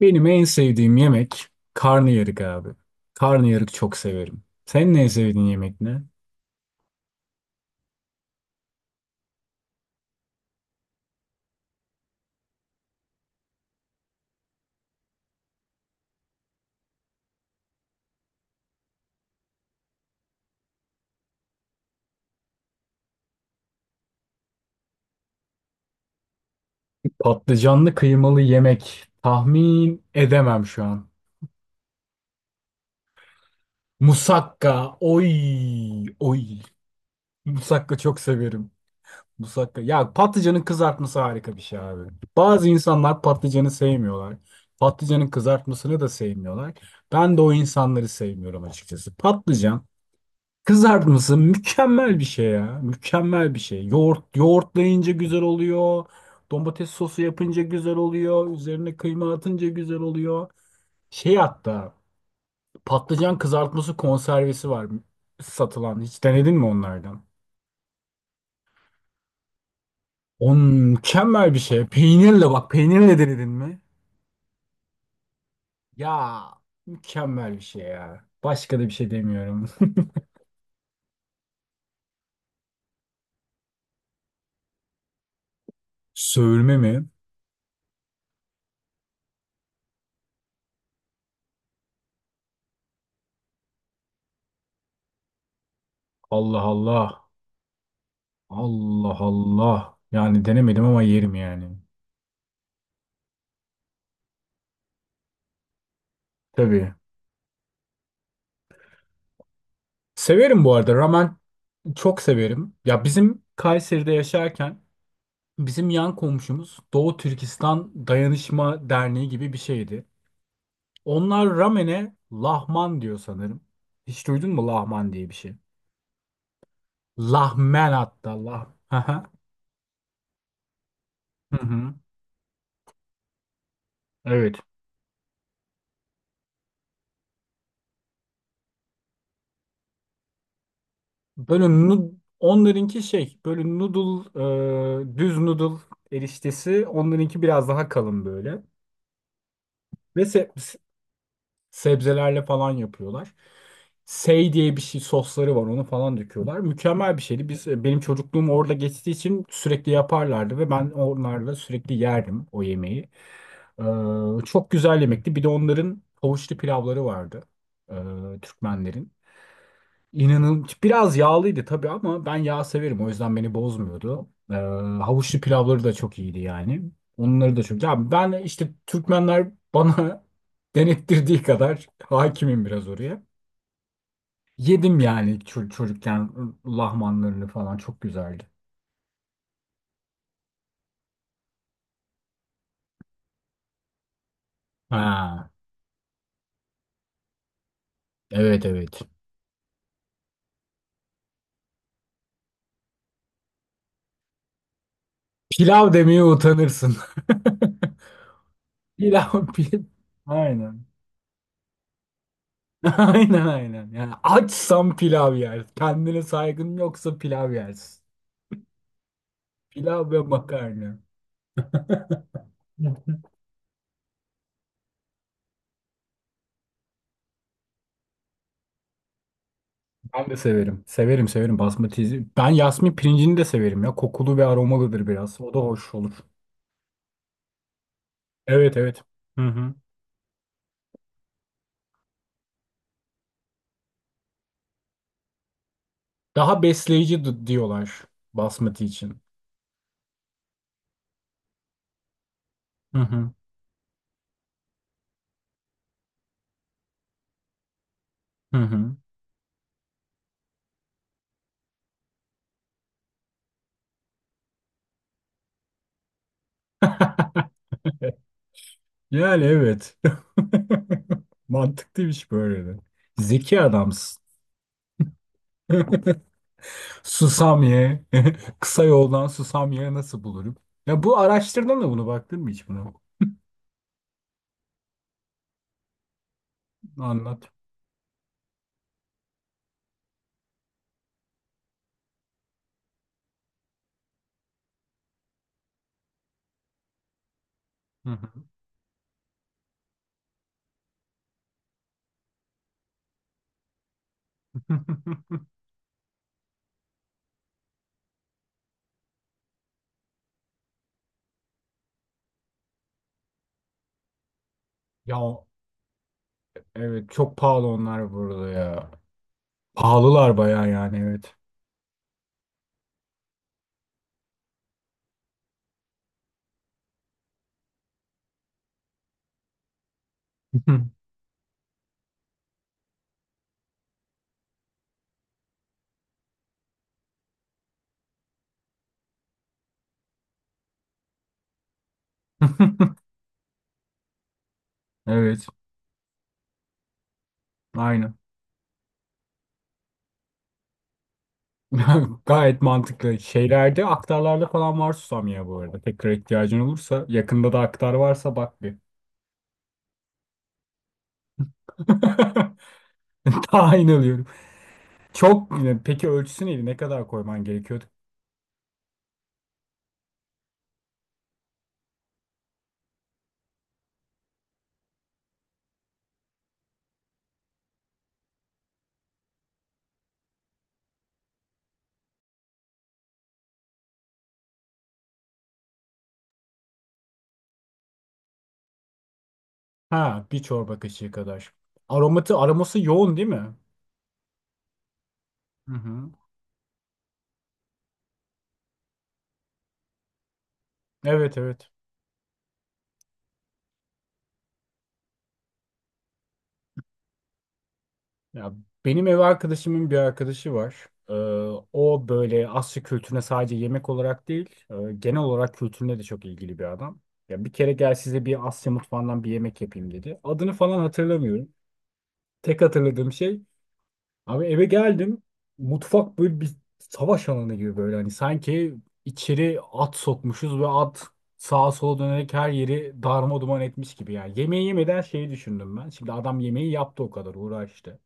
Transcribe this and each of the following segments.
Benim en sevdiğim yemek karnıyarık abi. Karnıyarık çok severim. Senin en sevdiğin yemek ne? Patlıcanlı kıymalı yemek. Tahmin edemem şu an. Musakka. Oy, oy. Musakka çok severim. Musakka. Ya patlıcanın kızartması harika bir şey abi. Bazı insanlar patlıcanı sevmiyorlar. Patlıcanın kızartmasını da sevmiyorlar. Ben de o insanları sevmiyorum açıkçası. Patlıcan kızartması mükemmel bir şey ya. Mükemmel bir şey. Yoğurt, yoğurtlayınca güzel oluyor. Domates sosu yapınca güzel oluyor. Üzerine kıyma atınca güzel oluyor. Şey, hatta patlıcan kızartması konservesi var satılan. Hiç denedin mi onlardan? On mükemmel bir şey. Peynirle, bak, peynirle denedin mi? Ya, mükemmel bir şey ya. Başka da bir şey demiyorum. Söğürme mi? Allah Allah. Allah Allah. Yani denemedim ama yerim yani. Tabii. Severim bu arada. Ramen çok severim. Ya bizim Kayseri'de yaşarken bizim yan komşumuz Doğu Türkistan Dayanışma Derneği gibi bir şeydi. Onlar ramene lahman diyor sanırım. Hiç duydun mu lahman diye bir şey? Lahmen, hatta lah. Hı hı. Evet. Böyle onlarınki şey böyle noodle, düz noodle eriştesi onlarınki biraz daha kalın böyle. Ve sebzelerle falan yapıyorlar. Sey diye bir şey sosları var, onu falan döküyorlar. Mükemmel bir şeydi. Biz, benim çocukluğum orada geçtiği için sürekli yaparlardı ve ben onlarla sürekli yerdim o yemeği. Çok güzel yemekti. Bir de onların havuçlu pilavları vardı. Ee, Türkmenlerin. İnanın biraz yağlıydı tabii ama ben yağ severim, o yüzden beni bozmuyordu. Havuçlu pilavları da çok iyiydi yani. Onları da çok. Ya ben işte Türkmenler bana denettirdiği kadar hakimim biraz oraya. Yedim yani çocukken lahmanlarını falan çok güzeldi. Ha, evet evet. Pilav demeye utanırsın. Pilav pilav. Aynen. Aynen aynen. Yani açsan pilav yer. Kendine saygın yoksa pilav yersin. Pilav ve makarna. Ben de severim. Severim severim basmati. Ben yasmin pirincini de severim ya. Kokulu ve aromalıdır biraz. O da hoş olur. Evet evet. Hı hı. Daha besleyici diyorlar basmati için. Hı hı. Hı hı. Yani evet. Mantıklıymış böyle de. Zeki adamsın. Susam ye. Kısa yoldan susam ye, nasıl bulurum? Ya bu araştırdın da bunu baktın mı hiç buna? Anlat. Hı hı. Ya, evet çok pahalı onlar burada ya. Pahalılar bayağı yani, evet. Evet, aynen. Gayet mantıklı. Şeylerde, aktarlarda falan var susam ya bu arada. Tekrar ihtiyacın olursa yakında da aktar varsa bak bir. Tahin alıyorum. Çok, peki ölçüsü neydi? Ne kadar koyman gerekiyordu? Ha, bir çorba kaşığı kadar. Aromatı, aroması yoğun değil mi? Hı hı. Evet evet. Ya benim ev arkadaşımın bir arkadaşı var. O böyle Asya kültürüne sadece yemek olarak değil, genel olarak kültürüne de çok ilgili bir adam. Ya bir kere gel size bir Asya mutfağından bir yemek yapayım dedi. Adını falan hatırlamıyorum. Tek hatırladığım şey, abi eve geldim. Mutfak böyle bir savaş alanı gibi, böyle hani sanki içeri at sokmuşuz ve at sağa sola dönerek her yeri darma duman etmiş gibi yani. Yemeği yemeden şeyi düşündüm ben. Şimdi adam yemeği yaptı, o kadar uğraştı.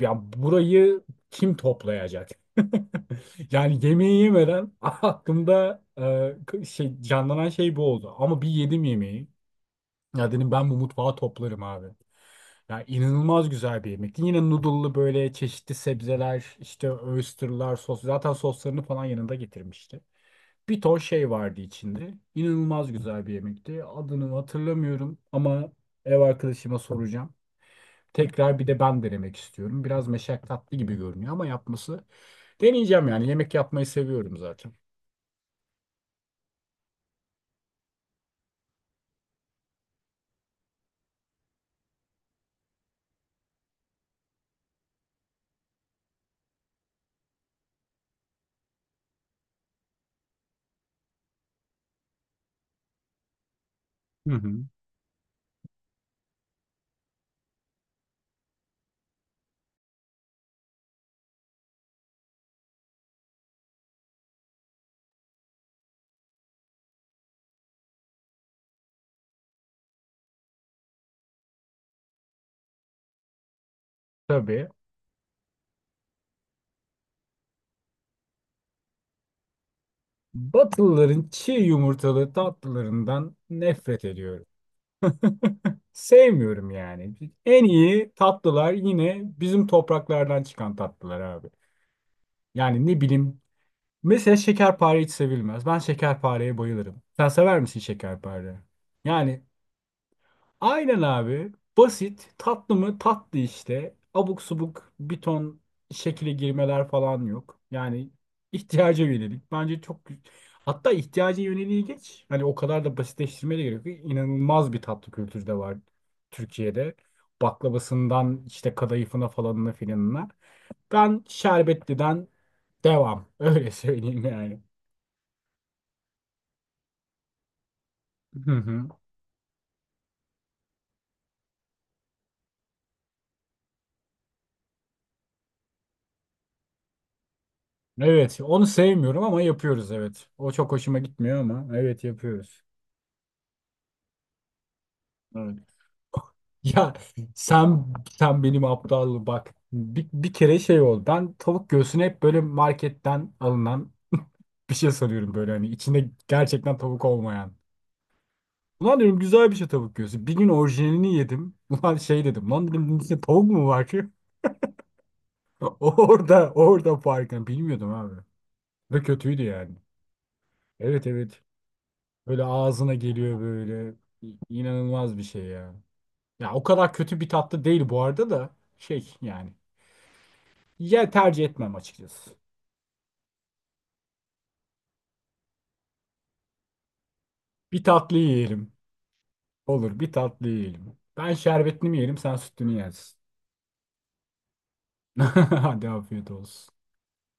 Ya burayı kim toplayacak? Yani yemeği yemeden aklımda, şey canlanan şey bu oldu. Ama bir yedim yemeği. Ya dedim ben bu mutfağı toplarım abi. Ya inanılmaz güzel bir yemekti. Yine noodle'lı böyle çeşitli sebzeler, işte oyster'lar, sos. Zaten soslarını falan yanında getirmişti. Bir ton şey vardı içinde. İnanılmaz güzel bir yemekti. Adını hatırlamıyorum ama ev arkadaşıma soracağım. Tekrar bir de ben denemek istiyorum. Biraz meşakkatli gibi görünüyor ama yapması, deneyeceğim yani. Yemek yapmayı seviyorum zaten. Hı hı. Tabii. Batılıların çiğ yumurtalı tatlılarından nefret ediyorum. Sevmiyorum yani. En iyi tatlılar yine bizim topraklardan çıkan tatlılar abi. Yani ne bileyim. Mesela şekerpare hiç sevilmez. Ben şekerpareye bayılırım. Sen sever misin şekerpare? Yani aynen abi. Basit. Tatlı mı? Tatlı işte. Abuk subuk bir ton şekile girmeler falan yok. Yani ihtiyaca yönelik. Bence çok hatta ihtiyaca yöneliği geç. Hani o kadar da basitleştirmeye de gerek yok. İnanılmaz bir tatlı kültürü de var Türkiye'de. Baklavasından işte kadayıfına falanına filanına. Ben şerbetliden devam. Öyle söyleyeyim yani. Hı hı. Evet, onu sevmiyorum ama yapıyoruz, evet. O çok hoşuma gitmiyor ama evet, yapıyoruz. Evet. Ya sen, benim aptallığım bak. Bir kere şey oldu. Ben tavuk göğsünü hep böyle marketten alınan bir şey sanıyorum, böyle hani içinde gerçekten tavuk olmayan. Ulan diyorum güzel bir şey tavuk göğsü. Bir gün orijinalini yedim. Ulan şey dedim. Lan dedim bunun içinde tavuk mu var ki? Orada farkını bilmiyordum abi. Ve kötüydü yani. Evet evet. Böyle ağzına geliyor böyle. İnanılmaz bir şey ya. Ya o kadar kötü bir tatlı değil bu arada da, şey yani. Ya tercih etmem açıkçası. Bir tatlı yiyelim. Olur, bir tatlı yiyelim. Ben şerbetini mi yerim, sen sütünü yersin. Hadi afiyet olsun.